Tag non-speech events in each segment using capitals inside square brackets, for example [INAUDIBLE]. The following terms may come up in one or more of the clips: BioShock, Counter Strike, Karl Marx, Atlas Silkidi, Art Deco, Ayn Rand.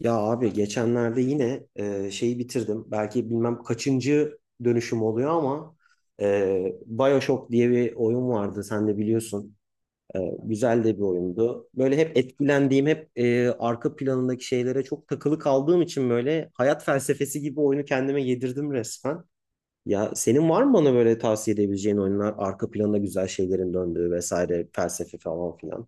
Ya abi geçenlerde yine şeyi bitirdim. Belki bilmem kaçıncı dönüşüm oluyor ama BioShock diye bir oyun vardı. Sen de biliyorsun. Güzel de bir oyundu. Böyle hep etkilendiğim, hep arka planındaki şeylere çok takılı kaldığım için böyle hayat felsefesi gibi oyunu kendime yedirdim resmen. Ya senin var mı bana böyle tavsiye edebileceğin oyunlar, arka planda güzel şeylerin döndüğü vesaire, felsefe falan filan?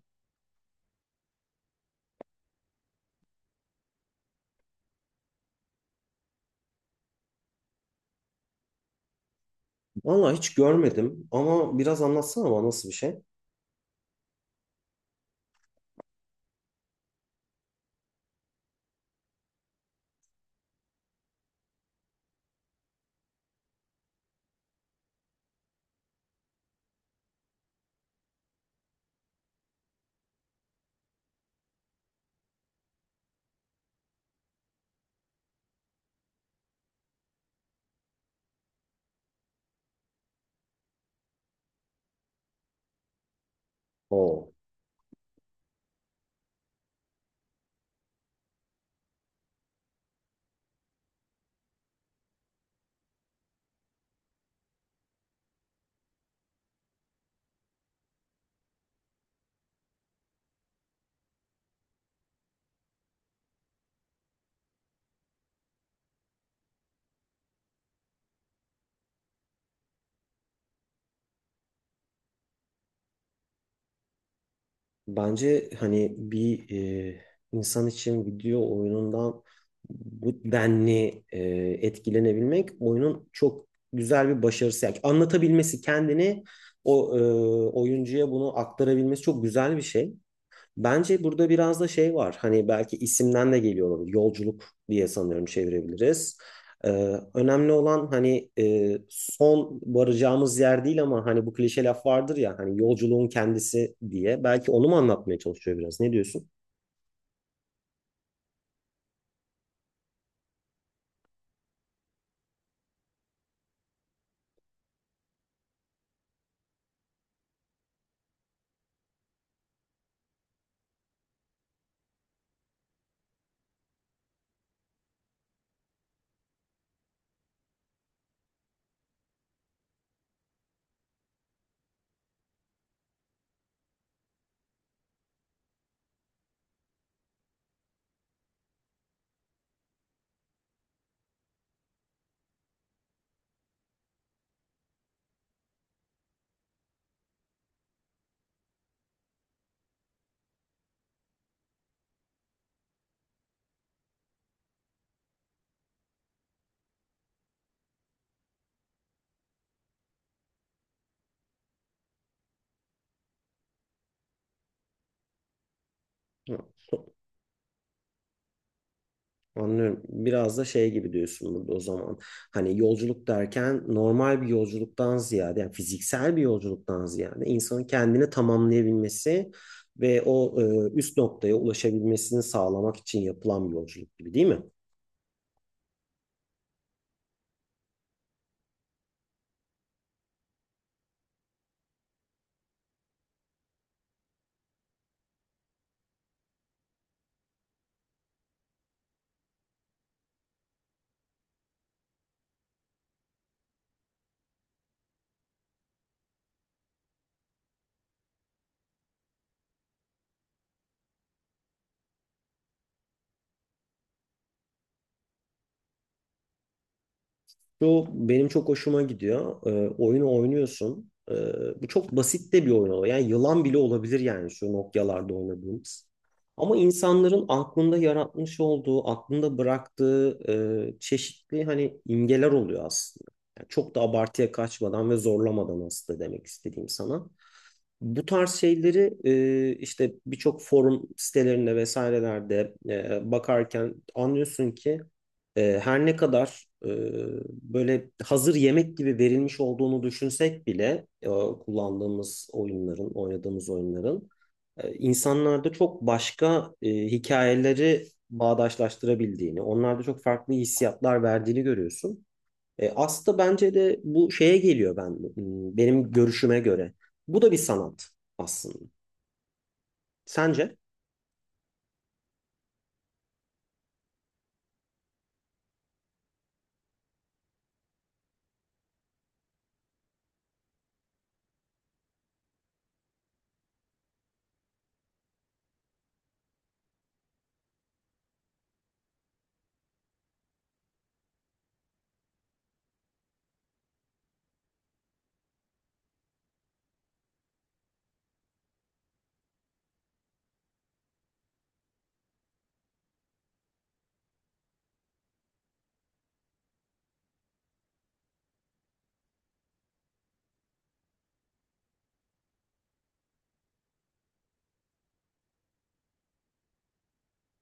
Vallahi hiç görmedim ama biraz anlatsana bana nasıl bir şey? Oo. Bence hani bir e, insan için video oyunundan bu denli etkilenebilmek oyunun çok güzel bir başarısı. Yani anlatabilmesi kendini o oyuncuya bunu aktarabilmesi çok güzel bir şey. Bence burada biraz da şey var. Hani belki isimden de geliyor olabilir. Yolculuk diye sanıyorum çevirebiliriz. Ee, önemli olan hani son varacağımız yer değil ama hani bu klişe laf vardır ya hani yolculuğun kendisi diye. Belki onu mu anlatmaya çalışıyor biraz? Ne diyorsun? Hı. Anlıyorum. Biraz da şey gibi diyorsun burada o zaman. Hani yolculuk derken normal bir yolculuktan ziyade, yani fiziksel bir yolculuktan ziyade insanın kendini tamamlayabilmesi ve o üst noktaya ulaşabilmesini sağlamak için yapılan bir yolculuk gibi değil mi? Şu benim çok hoşuma gidiyor. Oyunu oynuyorsun. Bu çok basit de bir oyun oluyor. Yani yılan bile olabilir, yani şu Nokia'larda oynadığımız. Ama insanların aklında yaratmış olduğu, aklında bıraktığı çeşitli hani imgeler oluyor aslında. Yani çok da abartıya kaçmadan ve zorlamadan aslında demek istediğim sana. Bu tarz şeyleri işte birçok forum sitelerinde vesairelerde bakarken anlıyorsun ki her ne kadar böyle hazır yemek gibi verilmiş olduğunu düşünsek bile kullandığımız oyunların, oynadığımız oyunların insanlarda çok başka hikayeleri bağdaşlaştırabildiğini, onlarda çok farklı hissiyatlar verdiğini görüyorsun. Aslında bence de bu şeye geliyor, benim görüşüme göre. Bu da bir sanat aslında. Sence?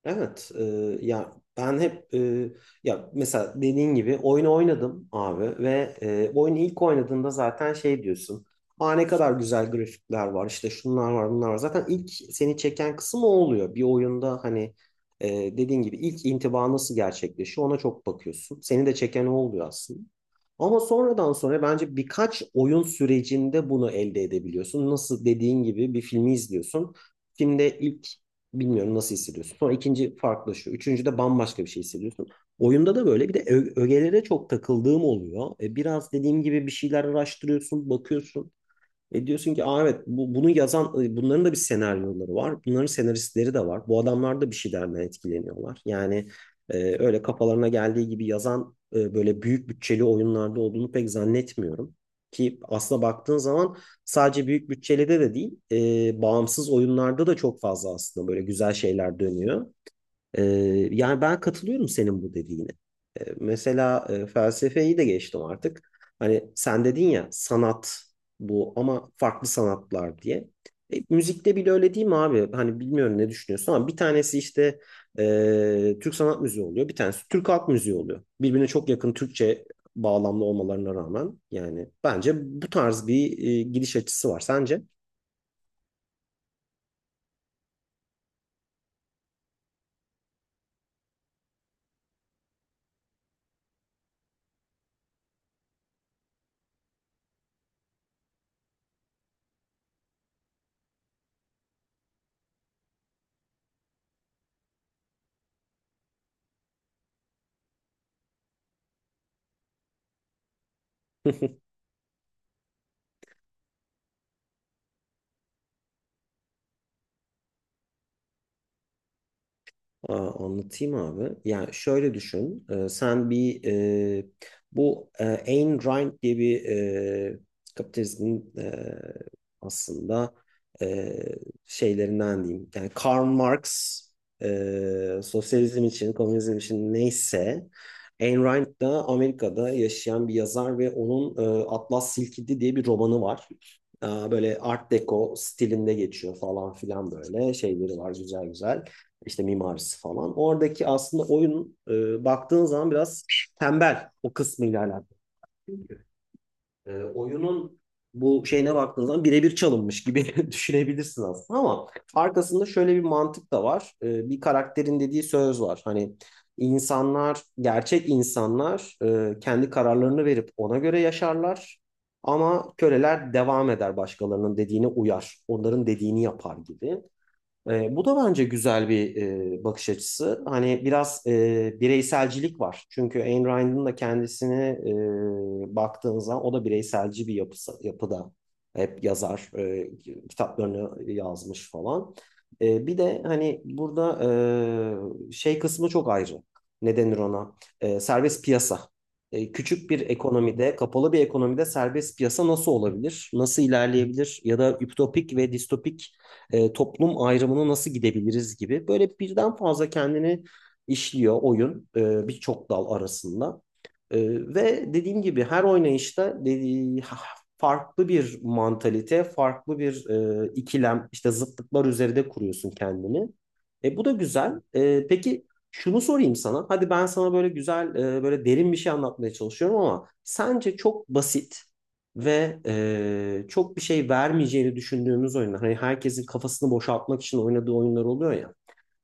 Evet. Ya ben hep ya mesela dediğin gibi oyunu oynadım abi ve oyunu ilk oynadığında zaten şey diyorsun. Aa, ne kadar güzel grafikler var, işte şunlar var bunlar var. Zaten ilk seni çeken kısım o oluyor. Bir oyunda hani e, dediğin gibi ilk intiba nasıl gerçekleşiyor, ona çok bakıyorsun. Seni de çeken o oluyor aslında. Ama sonradan sonra bence birkaç oyun sürecinde bunu elde edebiliyorsun. Nasıl dediğin gibi bir filmi izliyorsun. Filmde ilk bilmiyorum nasıl hissediyorsun. Sonra ikinci farklılaşıyor. Üçüncü de bambaşka bir şey hissediyorsun. Oyunda da böyle bir de ögelere çok takıldığım oluyor. Biraz dediğim gibi bir şeyler araştırıyorsun, bakıyorsun. E, diyorsun ki aa, evet bunu yazan bunların da bir senaryoları var. Bunların senaristleri de var. Bu adamlar da bir şeylerden etkileniyorlar. Yani öyle kafalarına geldiği gibi yazan böyle büyük bütçeli oyunlarda olduğunu pek zannetmiyorum. Ki aslına baktığın zaman sadece büyük bütçeli de değil, bağımsız oyunlarda da çok fazla aslında böyle güzel şeyler dönüyor. Ee, yani ben katılıyorum senin bu dediğine. Mesela felsefeyi de geçtim artık. Hani sen dedin ya, sanat bu ama farklı sanatlar diye. Müzikte bile öyle değil mi abi? Hani bilmiyorum ne düşünüyorsun ama bir tanesi işte Türk sanat müziği oluyor. Bir tanesi Türk halk müziği oluyor. Birbirine çok yakın, Türkçe bağlamlı olmalarına rağmen yani bence bu tarz bir gidiş açısı var. Sence? [LAUGHS] Aa, anlatayım abi. Yani şöyle düşün. Sen bir e, bu Ayn Rand diye bir kapitalizmin aslında e, şeylerinden diyeyim. Yani Karl Marx sosyalizm için, komünizm için neyse, Ayn Rand da Amerika'da yaşayan bir yazar ve onun Atlas Silkidi diye bir romanı var. Aa, böyle Art Deco stilinde geçiyor falan filan, böyle şeyleri var, güzel güzel işte mimarisi falan. Oradaki aslında oyun, baktığın zaman, biraz tembel o kısmıyla alakalı. E, oyunun bu şeyine baktığın zaman birebir çalınmış gibi [LAUGHS] düşünebilirsin aslında, ama arkasında şöyle bir mantık da var. Bir karakterin dediği söz var. Hani insanlar, gerçek insanlar kendi kararlarını verip ona göre yaşarlar. Ama köleler devam eder, başkalarının dediğine uyar. Onların dediğini yapar gibi. Bu da bence güzel bir bakış açısı. Hani biraz bireyselcilik var. Çünkü Ayn Rand'ın da kendisini baktığınız zaman o da bireyselci bir yapısı, yapıda. Hep yazar, kitaplarını yazmış falan. Bir de hani burada şey kısmı çok ayrı. Ne denir ona? Serbest piyasa. Küçük bir ekonomide, kapalı bir ekonomide serbest piyasa nasıl olabilir? Nasıl ilerleyebilir? Ya da ütopik ve distopik toplum ayrımını nasıl gidebiliriz gibi. Böyle birden fazla kendini işliyor oyun, birçok dal arasında. E, ve dediğim gibi her oynayışta dediği, farklı bir mantalite, farklı bir ikilem, işte zıtlıklar üzerinde kuruyorsun kendini. Bu da güzel. Peki şunu sorayım sana. Hadi ben sana böyle güzel, böyle derin bir şey anlatmaya çalışıyorum ama sence çok basit ve çok bir şey vermeyeceğini düşündüğümüz oyunlar. Hani herkesin kafasını boşaltmak için oynadığı oyunlar oluyor ya.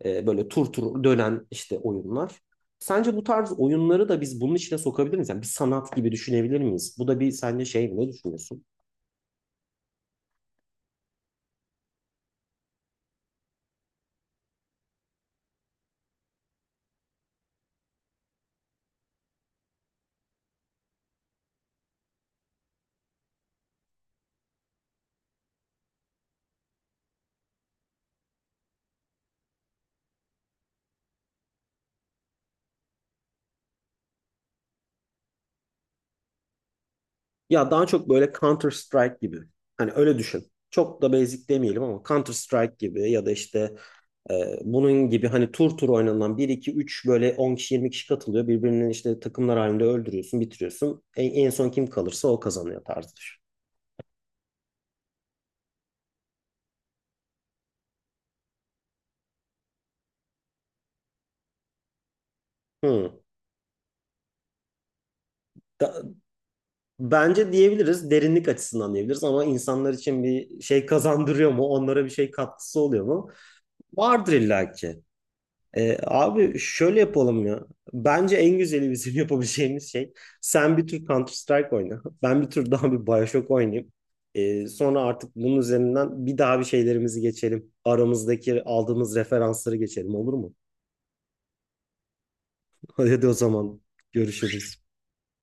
Böyle tur tur dönen işte oyunlar. Sence bu tarz oyunları da biz bunun içine sokabilir miyiz? Yani bir sanat gibi düşünebilir miyiz? Bu da bir, sence şey, ne düşünüyorsun? Ya daha çok böyle Counter Strike gibi. Hani öyle düşün. Çok da basic demeyelim ama Counter Strike gibi, ya da işte bunun gibi, hani tur tur oynanılan, bir 2 üç, böyle 10 kişi 20 kişi katılıyor. Birbirinin, işte takımlar halinde, öldürüyorsun, bitiriyorsun. En son kim kalırsa o kazanıyor tarzıdır. Hmm. Da- bence diyebiliriz. Derinlik açısından diyebiliriz ama insanlar için bir şey kazandırıyor mu? Onlara bir şey katkısı oluyor mu? Vardır illaki. Abi şöyle yapalım ya. Bence en güzeli bizim [LAUGHS] yapabileceğimiz şey, sen bir tur Counter Strike oyna. Ben bir tur daha bir BioShock oynayayım. Sonra artık bunun üzerinden bir daha bir şeylerimizi geçelim. Aramızdaki aldığımız referansları geçelim, olur mu? [LAUGHS] Hadi o zaman görüşürüz.